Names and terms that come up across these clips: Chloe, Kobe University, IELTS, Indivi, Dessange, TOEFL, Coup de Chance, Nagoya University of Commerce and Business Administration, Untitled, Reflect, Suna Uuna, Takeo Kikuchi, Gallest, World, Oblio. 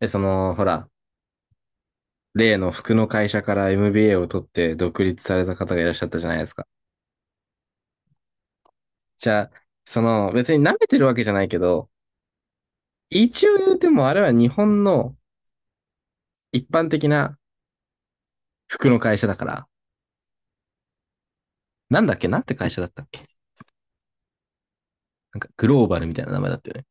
え、その、ほら、例の服の会社から MBA を取って独立された方がいらっしゃったじゃないですか。じゃあ、別に舐めてるわけじゃないけど、一応言うてもあれは日本の一般的な服の会社だから、なんだっけ。なんて会社だったっけ。なんかグローバルみたいな名前だったよね。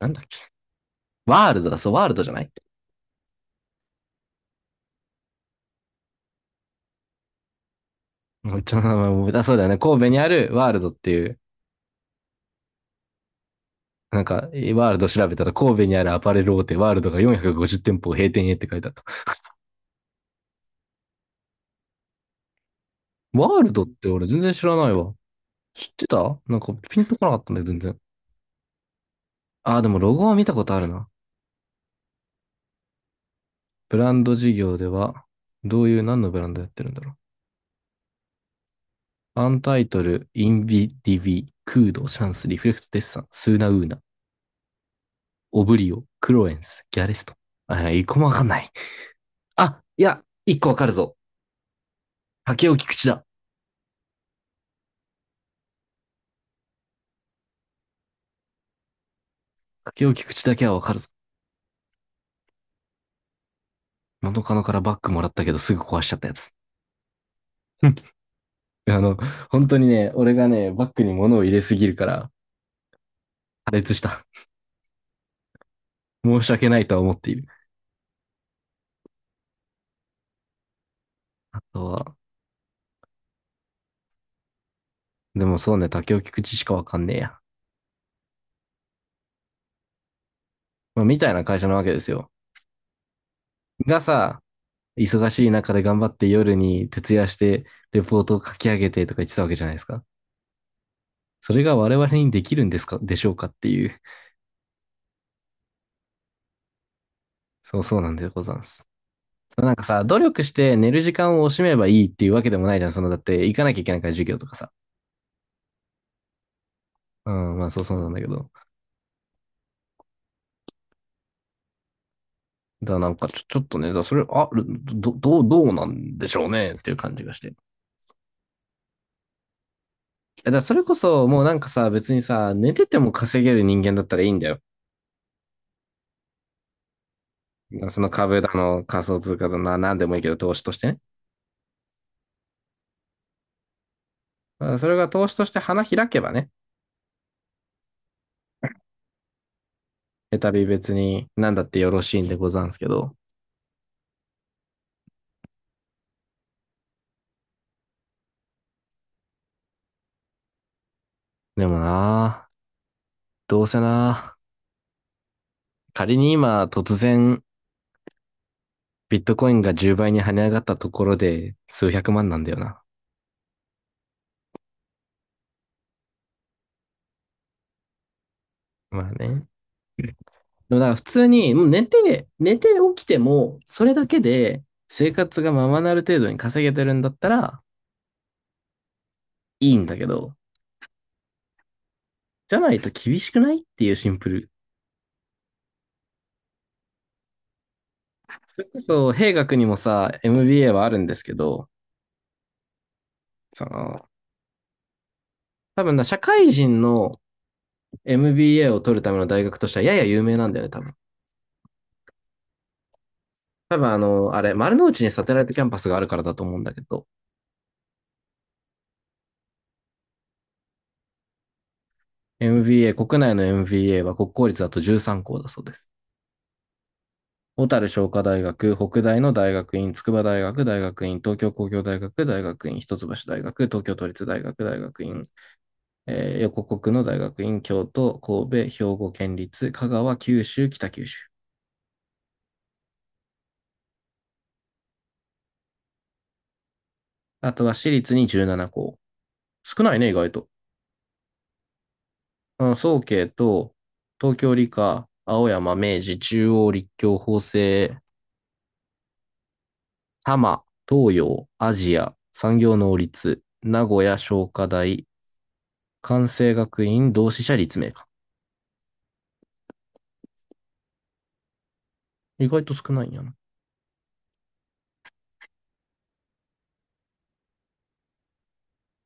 なんだっけ。ワールドだ、そう、ワールドじゃない。もう一応名前も、あ、そうだよね。神戸にあるワールドっていう、なんか、ワールド調べたら神戸にあるアパレル大手ワールドが450店舗を閉店へって書いてあった。ワールドって俺全然知らないわ。知ってたなんかピンとこなかったんだよ、全然。ああ、でもロゴは見たことあるな。ブランド事業では、どういう、何のブランドやってるんだろう。アンタイトル、インビディビ、クード、シャンス、リフレクト、デッサン、スーナウーナ、オブリオ、クロエンス、ギャレスト。あ、一個もわかんない。あ、いや、一個わかるぞ。竹尾菊池だ。竹尾菊池だけはわかるぞ。元カノからバッグもらったけど、すぐ壊しちゃったやつ。あの、本当にね、俺がね、バッグに物を入れすぎるから、破裂した。申し訳ないとは思っている。あとは、でもそうね、竹を聞く知しかわかんねえや。まあ、みたいな会社なわけですよ。がさ、忙しい中で頑張って夜に徹夜してレポートを書き上げてとか言ってたわけじゃないですか。それが我々にできるんですか、でしょうかっていう。そうそうなんでございます。なんかさ、努力して寝る時間を惜しめばいいっていうわけでもないじゃん。だって行かなきゃいけないから授業とかさ。うん、まあそうそうなんだけど。だからなんかちょっとね、だからそれ、どうなんでしょうねっていう感じがして。だからそれこそ、もうなんかさ、別にさ、寝てても稼げる人間だったらいいんだよ。その株だの、仮想通貨だの、なんでもいいけど、投資としてね。だからそれが投資として花開けばね、再び別に何だってよろしいんでござんすけど。でもなぁ、どうせなぁ、仮に今突然ビットコインが10倍に跳ね上がったところで数百万なんだよな。まあね。でもだから普通に、もう寝て起きても、それだけで生活がままなる程度に稼げてるんだったら、いいんだけど、じゃないと厳しくないっていうシンプル。それこそ、兵学にもさ、MBA はあるんですけど、その、多分な、社会人の MBA を取るための大学としてはやや有名なんだよね、多分。多分あれ、丸の内にサテライトキャンパスがあるからだと思うんだけど、MBA、国内の MBA は国公立だと13校だそうです。小樽商科大学、北大の大学院、筑波大学、大学院、東京工業大学、大学院、一橋大学、東京都立大学、大学院、横国の大学院、京都、神戸、兵庫県立、香川、九州、北九州。あとは私立に17校。少ないね、意外と。うん、早慶と、東京理科、青山、明治、中央、立教、法政、多摩、東洋、アジア、産業能率、名古屋、商科大、関西学院、同志社、立命科。意外と少ないんやな。い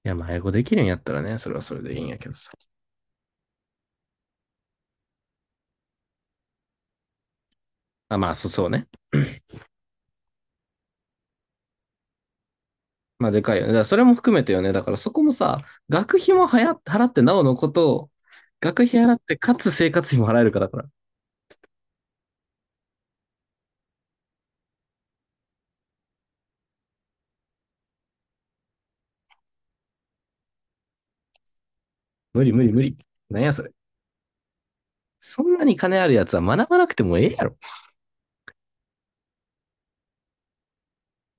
や、まあ、英語できるんやったらね、それはそれでいいんやけどさ。あ、まあ、そうね。まあ、でかいよね。だからそれも含めてよね。だからそこもさ、学費もはや払ってなおのことを、学費払って、かつ生活費も払えるかだから。無理無理無理。なんやそれ。そんなに金あるやつは学ばなくてもええやろ。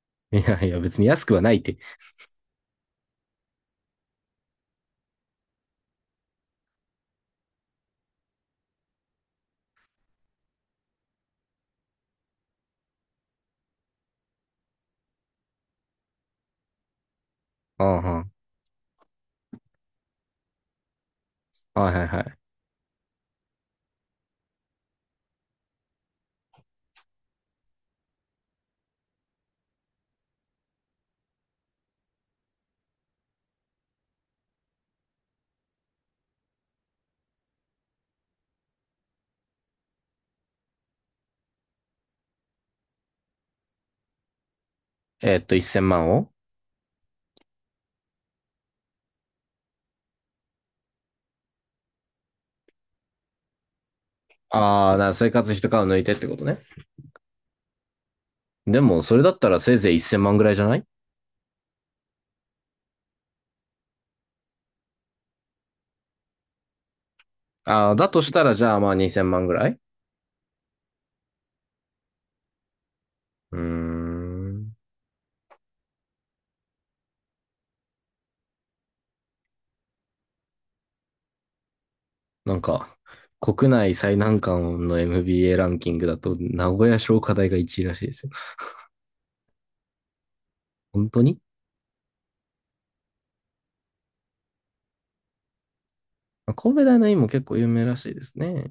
いやいや、別に安くはないって。うんうん。はいはいはい。1000万を。ああ、だから生活費とかを抜いてってことね。でも、それだったらせいぜい1000万ぐらいじゃない。ああ、だとしたら、じゃあまあ2000万ぐらい。うーん。なんか、国内最難関の MBA ランキングだと、名古屋商科大が1位らしいですよ。本当に神戸大の院も結構有名らしいですね。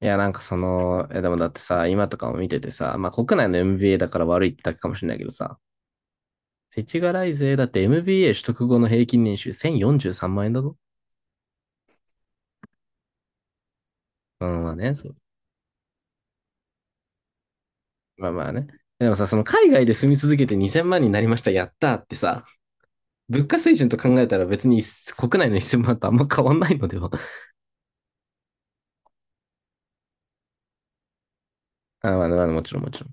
いや、なんかいやでもだってさ、今とかも見ててさ、まあ国内の MBA だから悪いってだけかもしれないけどさ、世知辛いぜ。だって MBA 取得後の平均年収1043万円だぞ。うん、まあね、そう。まあまあね。でもさ、その海外で住み続けて2000万になりました、やったーってさ、物価水準と考えたら別に国内の1000万とあんま変わんないのでは。あ、まあ、まあ、もちろん、もちろん。い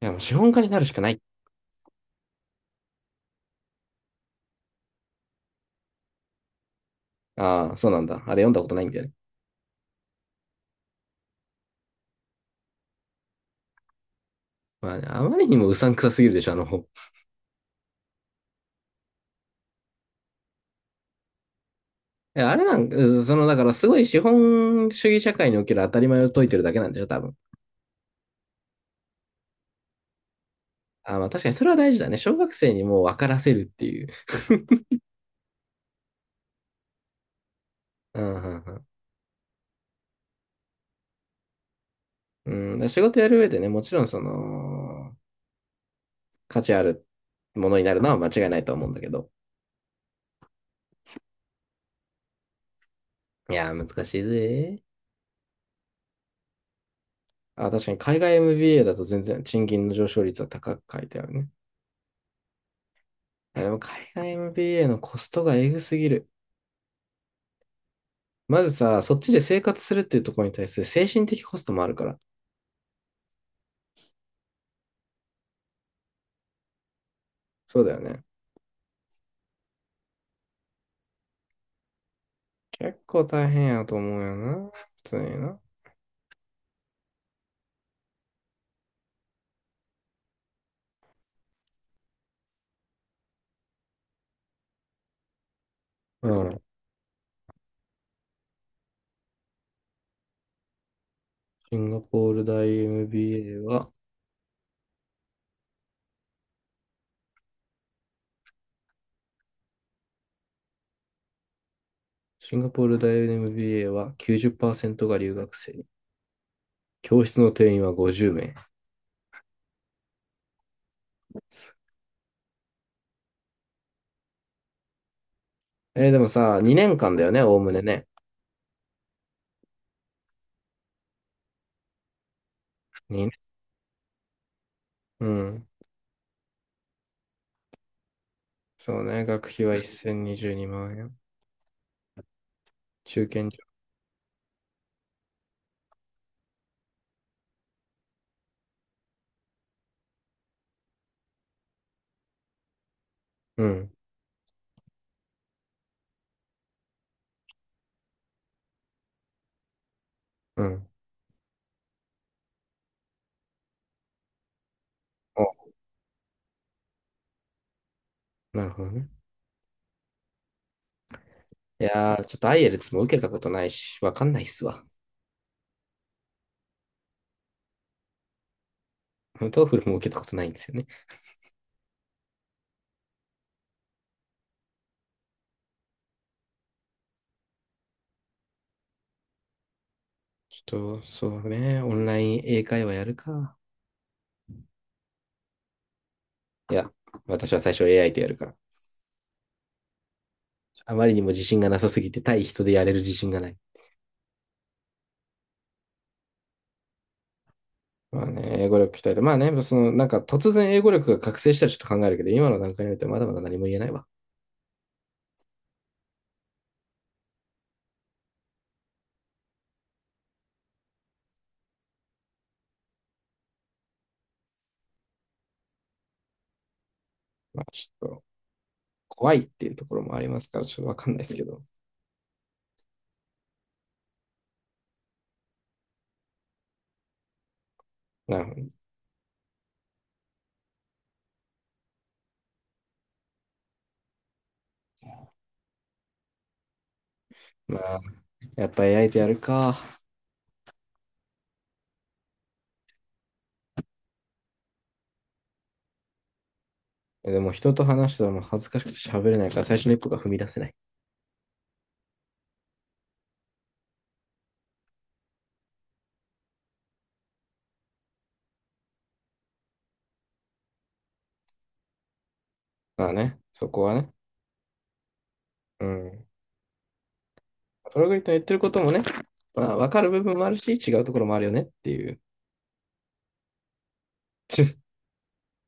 や、もう資本家になるしかない。ああ、そうなんだ。あれ読んだことないんだよね。まあね、あまりにもうさんくさすぎるでしょ、あの本。いやあれなんか、うん、だからすごい資本主義社会における当たり前を解いてるだけなんだよ、多分。あまあ確かにそれは大事だね。小学生にもう分からせるっていう。うんうんうん、うんで仕事やる上でね、もちろん価値あるものになるのは間違いないと思うんだけど。いや難しいぜ。あ、確かに海外 MBA だと全然賃金の上昇率は高く書いてあるね。やでも海外 MBA のコストがえぐすぎる。まずさ、そっちで生活するっていうところに対する精神的コストもあるから。そうだよね。結構大変やと思うよな。普通にな。うん。シンガポール大 MBA は、シンガポール大 MBA は90%が留学生。教室の定員は50名。でもさ、2年間だよね、おおむねね。2年。うん。そうね、学費は1022万円。中堅料。うん。うん。お、なるほどね。いやー、ちょっとアイエルツも受けたことないし、わかんないっすわ。トーフルも受けたことないんですよね。ちょっと、そうね、オンライン英会話やるか。いや、私は最初 AI とやるから。あまりにも自信がなさすぎて、対人でやれる自信がない。まあね、英語力鍛えて、まあね、なんか突然英語力が覚醒したらちょっと考えるけど、今の段階においてはまだまだ何も言えないわ。まあちょっと、怖いっていうところもありますから、ちょっとわかんないですけど。なるほど。まあ、やっぱ AI とやるか。でも人と話したらもう恥ずかしくて喋れないから、最初の一歩が踏み出せない。まあね、そこはね。うん。それが言ってることもね、まあ、わかる部分もあるし、違うところもあるよねっていう。